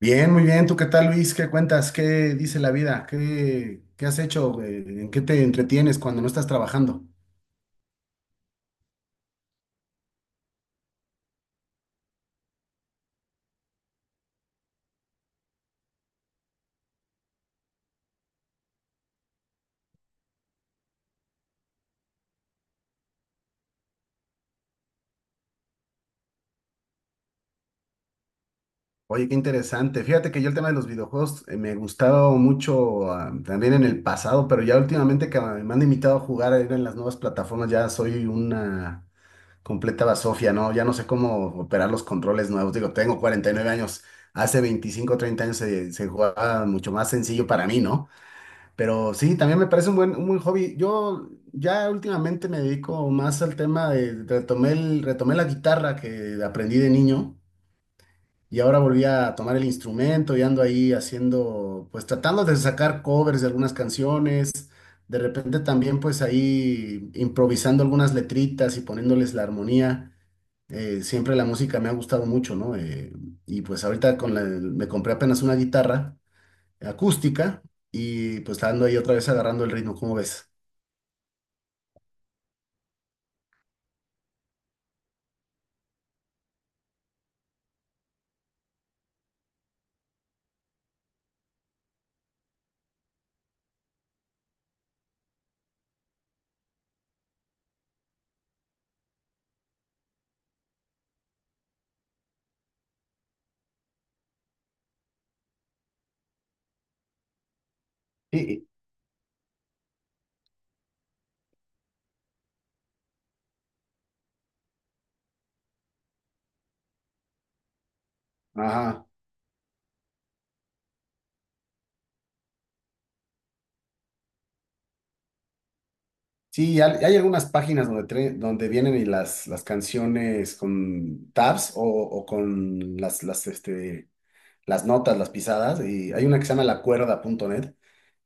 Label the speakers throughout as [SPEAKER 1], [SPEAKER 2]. [SPEAKER 1] Bien, muy bien. ¿Tú qué tal, Luis? ¿Qué cuentas? ¿Qué dice la vida? ¿Qué, qué has hecho? ¿En qué te entretienes cuando no estás trabajando? Oye, qué interesante. Fíjate que yo el tema de los videojuegos me gustaba mucho, también en el pasado, pero ya últimamente que me han invitado a jugar ahí en las nuevas plataformas, ya soy una completa basofia, ¿no? Ya no sé cómo operar los controles nuevos. Digo, tengo 49 años. Hace 25 o 30 años se jugaba mucho más sencillo para mí, ¿no? Pero sí, también me parece un buen hobby. Yo ya últimamente me dedico más al tema de, retomé la guitarra que aprendí de niño y ahora volví a tomar el instrumento y ando ahí haciendo, pues tratando de sacar covers de algunas canciones. De repente también pues ahí improvisando algunas letritas y poniéndoles la armonía. Siempre la música me ha gustado mucho, ¿no? Y pues ahorita me compré apenas una guitarra acústica y pues ando ahí otra vez agarrando el ritmo, ¿cómo ves? Sí, ajá. Sí, hay algunas páginas donde, donde vienen y las canciones con tabs o con las, este, las notas, las pisadas. Y hay una que se llama lacuerda.net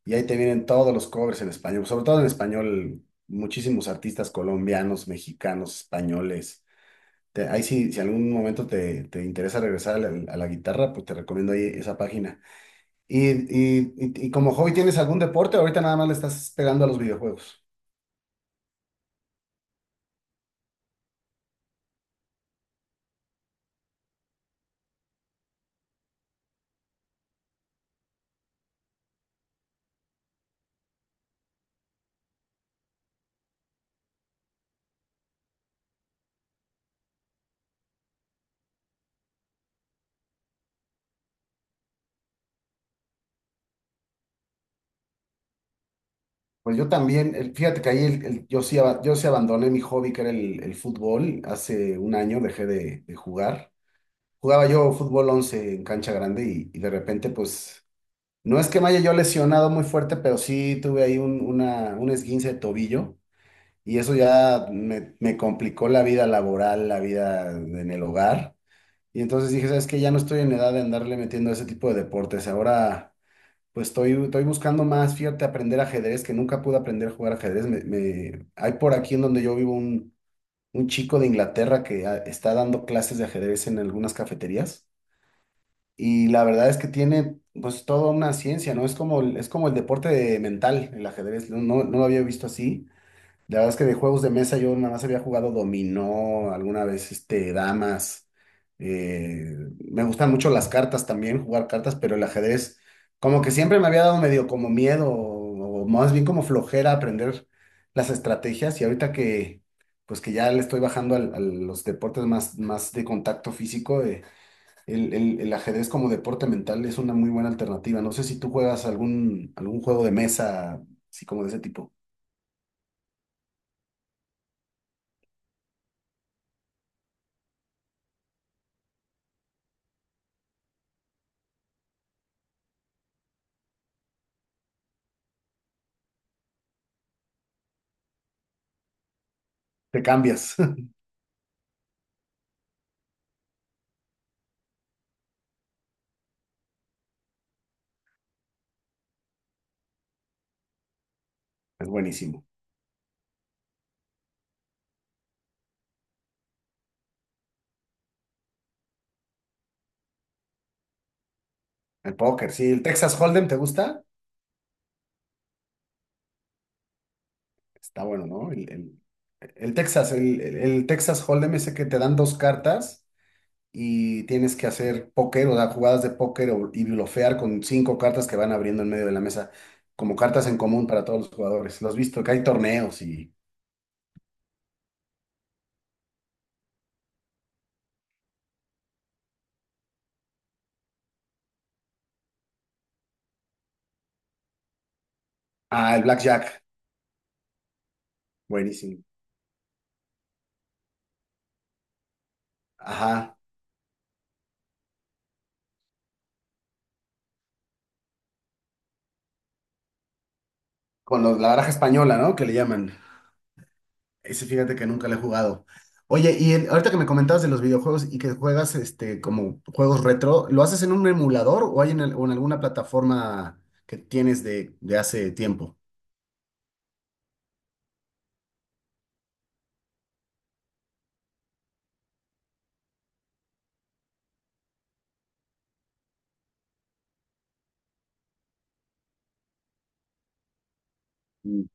[SPEAKER 1] y ahí te vienen todos los covers en español, sobre todo en español, muchísimos artistas colombianos, mexicanos, españoles. Ahí sí, si algún momento te, te interesa regresar a la guitarra, pues te recomiendo ahí esa página. Y como hobby, ¿tienes algún deporte? Ahorita nada más le estás pegando a los videojuegos. Pues yo también, fíjate que ahí yo sí, yo sí abandoné mi hobby, que era el fútbol. Hace 1 año dejé de jugar. Jugaba yo fútbol 11 en cancha grande y de repente, pues, no es que me haya yo lesionado muy fuerte, pero sí tuve ahí un, una, un esguince de tobillo y eso ya me complicó la vida laboral, la vida en el hogar. Y entonces dije, ¿sabes qué? Ya no estoy en edad de andarle metiendo a ese tipo de deportes. Ahora, pues estoy buscando más, fíjate, aprender ajedrez, que nunca pude aprender a jugar ajedrez. Hay por aquí en donde yo vivo un chico de Inglaterra que está dando clases de ajedrez en algunas cafeterías. Y la verdad es que tiene, pues, toda una ciencia, ¿no? Es como, es como el deporte mental, el ajedrez. No, no, no lo había visto así. La verdad es que de juegos de mesa yo nada más había jugado dominó, alguna vez este, damas. eh, me gustan mucho las cartas también, jugar cartas, pero el ajedrez como que siempre me había dado medio como miedo o más bien como flojera aprender las estrategias y ahorita que pues que ya le estoy bajando a los deportes más, más de contacto físico, el, el ajedrez como deporte mental es una muy buena alternativa. No sé si tú juegas algún, algún juego de mesa, así como de ese tipo. Te cambias. Es buenísimo. El póker, sí. ¿El Texas Hold'em te gusta? Está bueno, ¿no? El, el Texas, el, el Texas Hold'em ese que te dan dos cartas y tienes que hacer póker, o sea, jugadas de póker y blofear con cinco cartas que van abriendo en medio de la mesa, como cartas en común para todos los jugadores. Los has visto, que hay torneos y... Ah, el Blackjack, buenísimo. Ajá, con la baraja española, ¿no? Que le llaman. Ese fíjate que nunca lo he jugado. Oye, y ahorita que me comentabas de los videojuegos y que juegas este como juegos retro, ¿lo haces en un emulador o hay en, o en alguna plataforma que tienes de hace tiempo? Mm.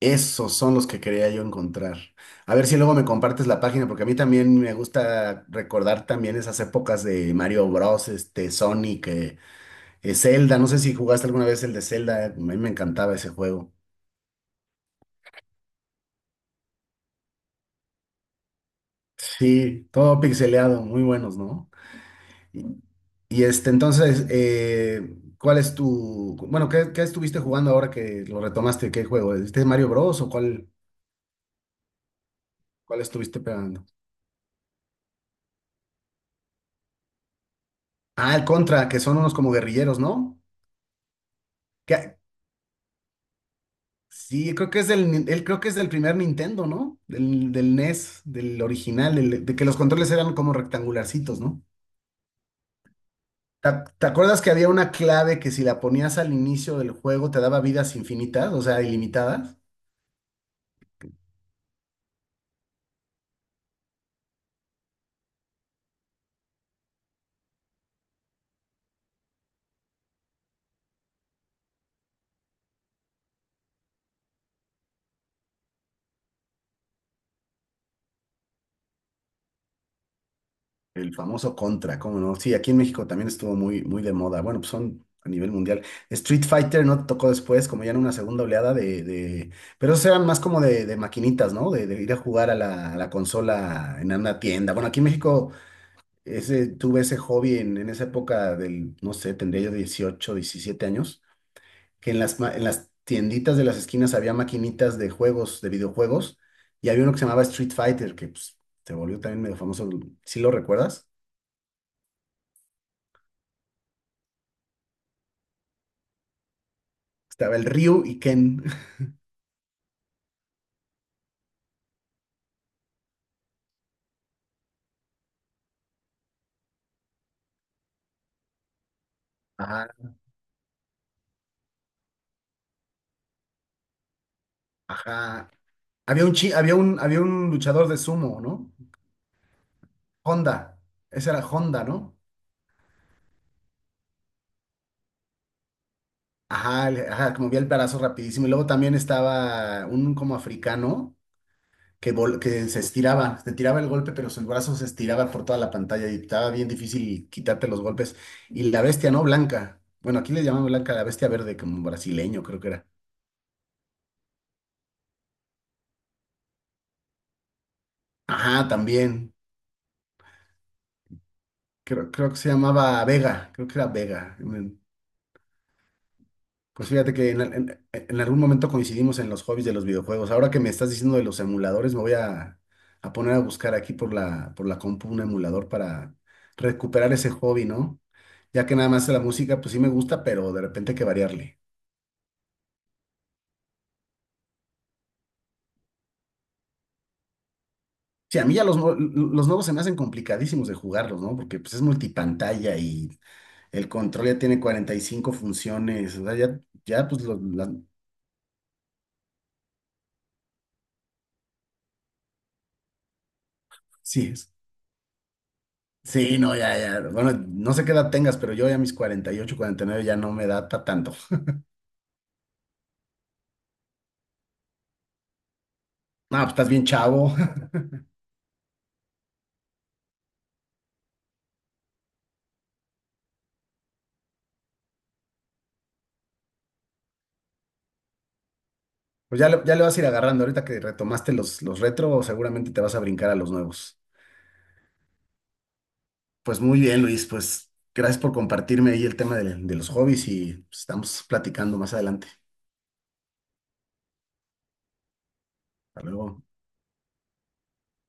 [SPEAKER 1] Esos son los que quería yo encontrar. A ver si luego me compartes la página, porque a mí también me gusta recordar también esas épocas de Mario Bros, este, Sonic, Zelda. No sé si jugaste alguna vez el de Zelda, a mí me encantaba ese juego. Sí, todo pixeleado, muy buenos, ¿no? Y este, entonces, ¿cuál es tu, bueno, ¿qué, qué estuviste jugando ahora que lo retomaste? ¿Qué juego? ¿Este Mario Bros o cuál, cuál estuviste pegando? Ah, el Contra, que son unos como guerrilleros, ¿no? Que, sí, creo que es del, él creo que es del primer Nintendo, ¿no? Del, del NES, del original, de que los controles eran como rectangularcitos, ¿no? ¿Te, te acuerdas que había una clave que si la ponías al inicio del juego te daba vidas infinitas, o sea, ilimitadas? El famoso Contra, ¿cómo no? Sí, aquí en México también estuvo muy, muy de moda. Bueno, pues son a nivel mundial. Street Fighter no tocó después, como ya en una segunda oleada de, pero esos eran más como de maquinitas, ¿no? De ir a jugar a la consola en una tienda. Bueno, aquí en México ese, tuve ese hobby en esa época del, no sé, tendría yo 18 17 años, que en las, en las tienditas de las esquinas había maquinitas de juegos, de videojuegos, y había uno que se llamaba Street Fighter, que pues, se volvió también medio famoso. ¿Sí lo recuerdas? Estaba el Ryu y Ken. Ajá, ajá. Había un, había un, había un luchador de sumo, ¿no? Honda. Ese era Honda, ¿no? Ajá, ajá, que movía el brazo rapidísimo. Y luego también estaba un como africano que, que se estiraba, se tiraba el golpe, pero su brazo se estiraba por toda la pantalla y estaba bien difícil quitarte los golpes. Y la bestia, ¿no? Blanca. Bueno, aquí le llamamos blanca a la bestia verde, como brasileño, creo que era. Ajá, también. Creo, creo que se llamaba Vega, creo que era Vega. Pues fíjate que en, en algún momento coincidimos en los hobbies de los videojuegos. Ahora que me estás diciendo de los emuladores, me voy a poner a buscar aquí por la compu un emulador para recuperar ese hobby, ¿no? Ya que nada más la música, pues sí me gusta, pero de repente hay que variarle. Sí, a mí ya los, los nuevos se me hacen complicadísimos de jugarlos, ¿no? Porque pues es multipantalla y el control ya tiene 45 funciones. O sea, ya, ya pues sí. Sí, no, ya, ya. Bueno, no sé qué edad tengas, pero yo ya a mis 48, 49 ya no me da pa' tanto. No, pues estás bien chavo. Pues ya le vas a ir agarrando. Ahorita que retomaste los retro, seguramente te vas a brincar a los nuevos. Pues muy bien, Luis. Pues gracias por compartirme ahí el tema de los hobbies y pues, estamos platicando más adelante. Hasta luego.